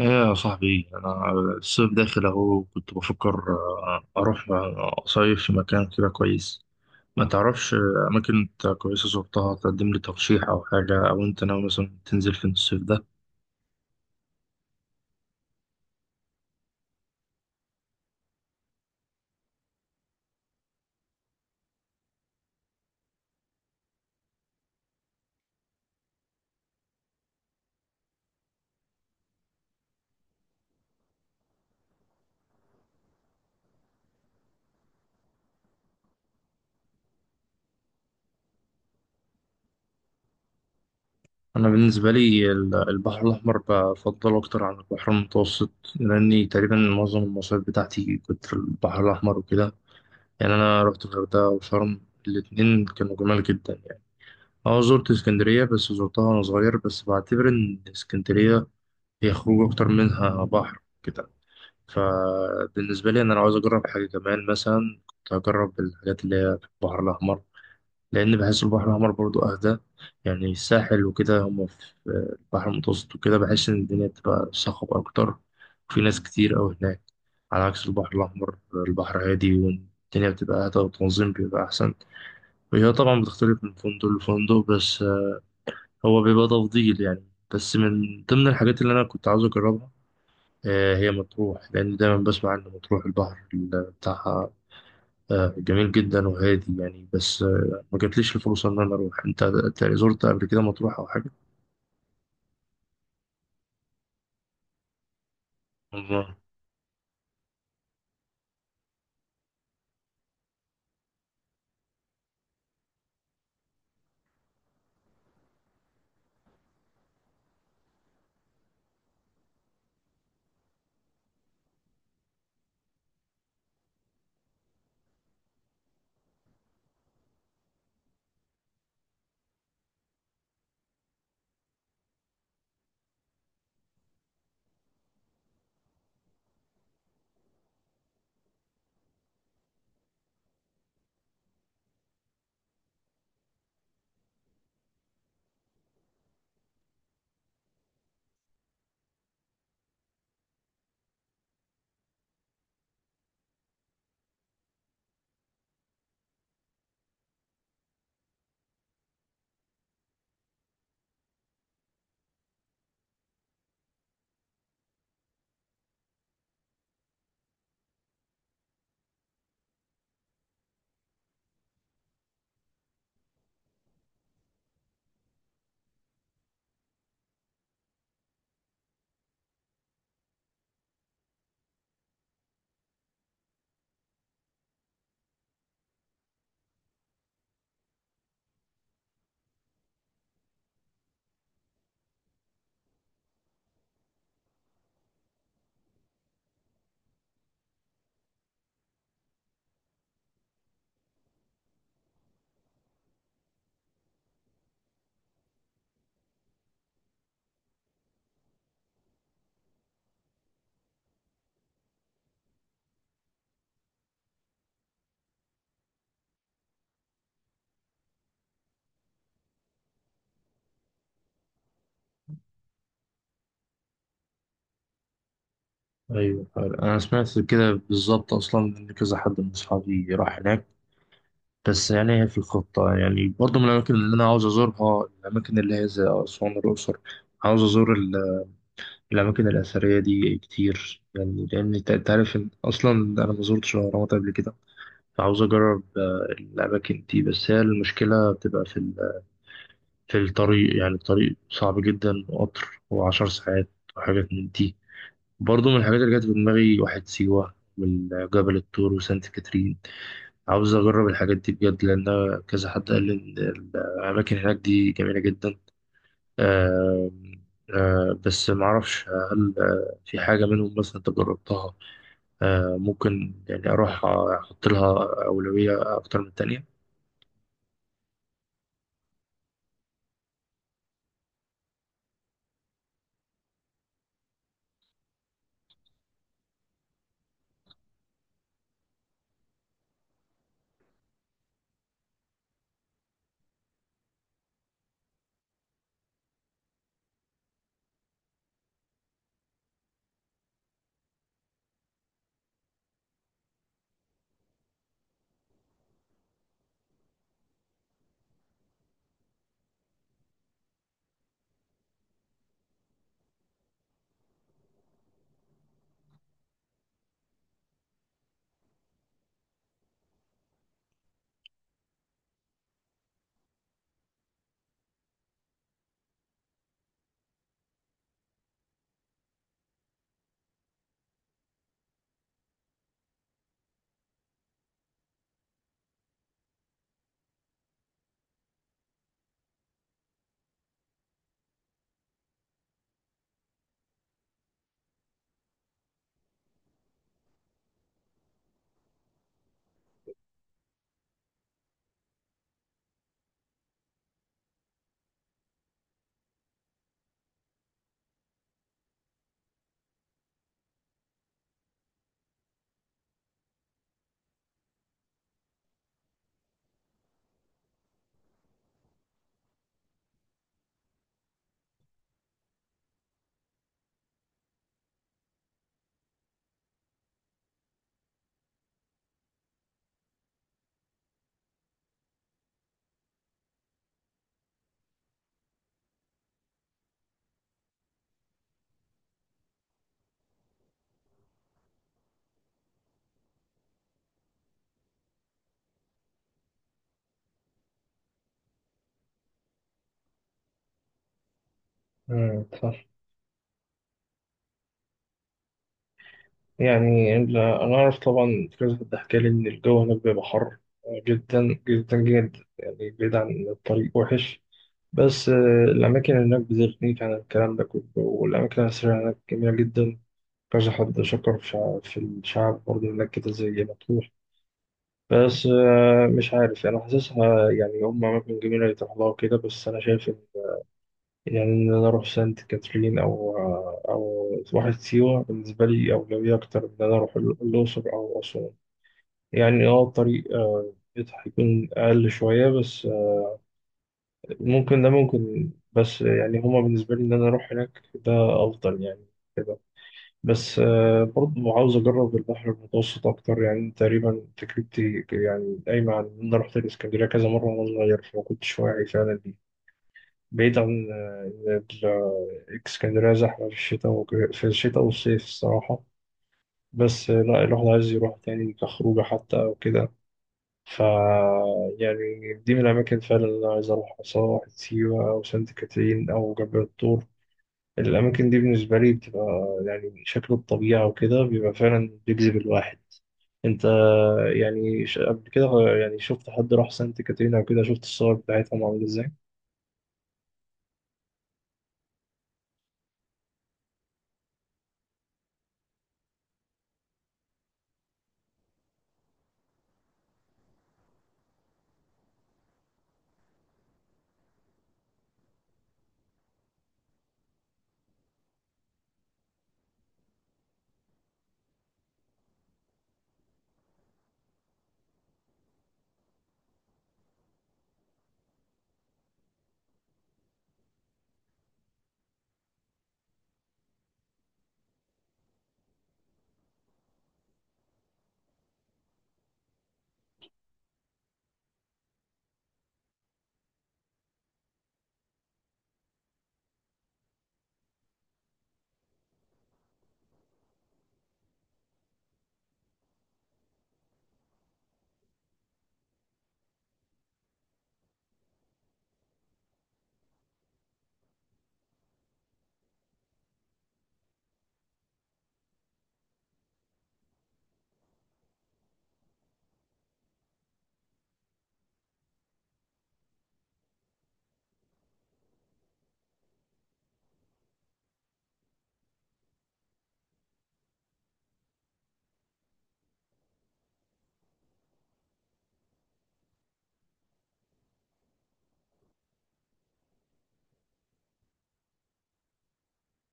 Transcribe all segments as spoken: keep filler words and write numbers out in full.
ايه يا صاحبي، انا الصيف داخل اهو. كنت بفكر آه، اروح آه، اصيف في مكان كده كويس. ما تعرفش آه، اماكن انت كويسه زرتها تقدم لي ترشيح او حاجه، او انت ناوي مثلا تنزل فين الصيف ده؟ انا بالنسبه لي ال- البحر الاحمر بفضله اكتر عن البحر المتوسط، لاني تقريبا معظم المصايف بتاعتي كنت في البحر الاحمر وكده. يعني انا رحت الغردقه وشرم، الاتنين كانوا جمال جدا يعني. اه زرت اسكندرية، بس زرتها وأنا صغير، بس بعتبر إن اسكندرية هي خروج أكتر منها بحر كده. فبالنسبة لي أنا لو عاوز أجرب حاجة كمان مثلا، كنت هجرب الحاجات اللي هي في البحر الأحمر، لأن بحس البحر الأحمر برضو أهدى. يعني الساحل وكده هما في البحر المتوسط وكده، بحس إن الدنيا بتبقى صخب أكتر، وفي ناس كتير أوي هناك. على عكس البحر الأحمر، البحر هادي والدنيا بتبقى أهدى والتنظيم بيبقى أحسن. وهي طبعا بتختلف من فندق لفندق، بس هو بيبقى تفضيل يعني. بس من ضمن الحاجات اللي أنا كنت عاوز أجربها آه، هي مطروح، لأن دايما بسمع عن مطروح البحر ال- بتاعها آه، جميل جدا وهادي يعني. بس آه، ما جاتليش الفرصة إن أنا أروح. أنت أنت زرت قبل كده مطروح أو حاجة؟ الله. أيوه، أنا سمعت كده بالظبط، أصلا إن كذا حد من أصحابي راح هناك. بس يعني هي في الخطة يعني، برضه من الأماكن اللي أنا عاوز أزورها الأماكن اللي هي زي أسوان والأقصر. عاوز أزور ال- الأماكن الأثرية دي كتير، يعني لأن أنت أنت عارف إن أصلا أنا ما زرتش الأهرامات قبل كده. فعاوز أجرب آه، الأماكن دي، بس هي المشكلة بتبقى في ال- في الطريق. يعني الطريق صعب جدا، وقطر وعشر ساعات وحاجات من دي. برضه من الحاجات اللي جت في دماغي واحد سيوة من جبل الطور وسانت كاترين. عاوز أجرب الحاجات دي بجد، لأن كذا حد قال لي إن الأماكن هناك دي جميلة جدا. آه آه بس معرفش هل آه في حاجة منهم مثلا أنت جربتها، آه ممكن يعني أروح أحط لها أولوية أكتر من التانية. يعني ال- أنا أعرف طبعا، في كذا حد حكى لي إن الجو هناك بيبقى حر جدا جدا جدا يعني، بعيد عن الطريق وحش. بس آه، الأماكن هناك بتغنيك عن الكلام ده كله، والأماكن الأثرية هناك جميلة جدا. كذا حد شكر في شع- في الشعب برضه هناك كده زي مطروح. بس آه، مش عارف، أنا حاسسها يعني هم أماكن جميلة يتروح لها وكده، بس أنا شايف إن يعني إن أنا أروح سانت كاترين أو آه، أو واحد سيوة بالنسبة لي أولوية أكتر من إن أنا أروح الأقصر أو أسوان. يعني اه الطريق آه، هيكون أقل شوية، بس آه، ممكن ده ممكن. بس آه، يعني هما بالنسبة لي إن أنا أروح هناك ده أفضل يعني كده. بس آه، برضه عاوز أجرب البحر المتوسط أكتر. يعني تقريبا تجربتي ك- يعني قايمة على إن أنا رحت الإسكندرية كذا مرة وأنا صغير، فما كنتش واعي فعلا دي. بعيد عن آه، إن ال- الإسكندرية زحمة في الشتاء وك- في الشتاء والصيف الصراحة. بس آه، لا الواحد عايز يروح تاني كخروجة حتى أو كده. ف يعني دي من الأماكن فعلا اللي أنا عايز أروحها، سواء واحد سيوة أو سانت كاترين أو جبل الطور. الأماكن دي بالنسبة لي بتبقى يعني شكل الطبيعة وكده بيبقى فعلا بيجذب الواحد. أنت يعني ش- قبل كده، يعني شفت حد راح سانت كاترين أو كده؟ شفت الصور بتاعتهم عاملة إزاي؟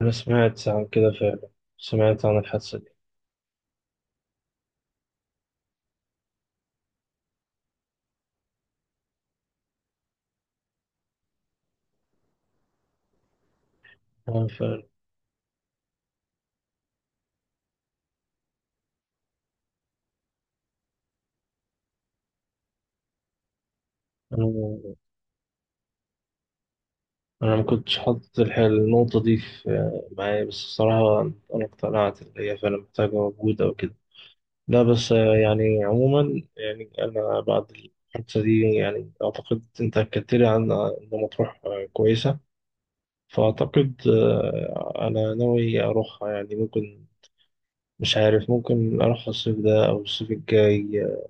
أنا سمعت عن كده فعلا، سمعت عن الحادثة دي. أنا فعلا أنا أنا ما كنتش حاطط الح- النقطة دي في معايا بس الصراحة. أنا اقتنعت إن هي فعلا محتاجة مجهود أو كده. لا بس آه، يعني عموما، يعني أنا بعد الحادثة دي يعني أعتقد أنت أكدت لي عن إن مطروح آه، كويسة. فأعتقد آه، أنا ناوي أروحها يعني ممكن. مش عارف، ممكن أروحها الصيف ده أو الصيف الجاي. آه،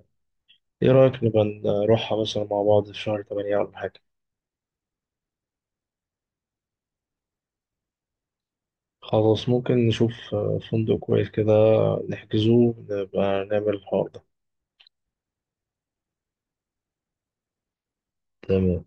إيه رأيك نبقى نروحها مثلا مع بعض في شهر تمانية ولا حاجة؟ خلاص ممكن نشوف آه، فندق كويس كده، نحجزه نبقى نعمل الحوار ده. تمام.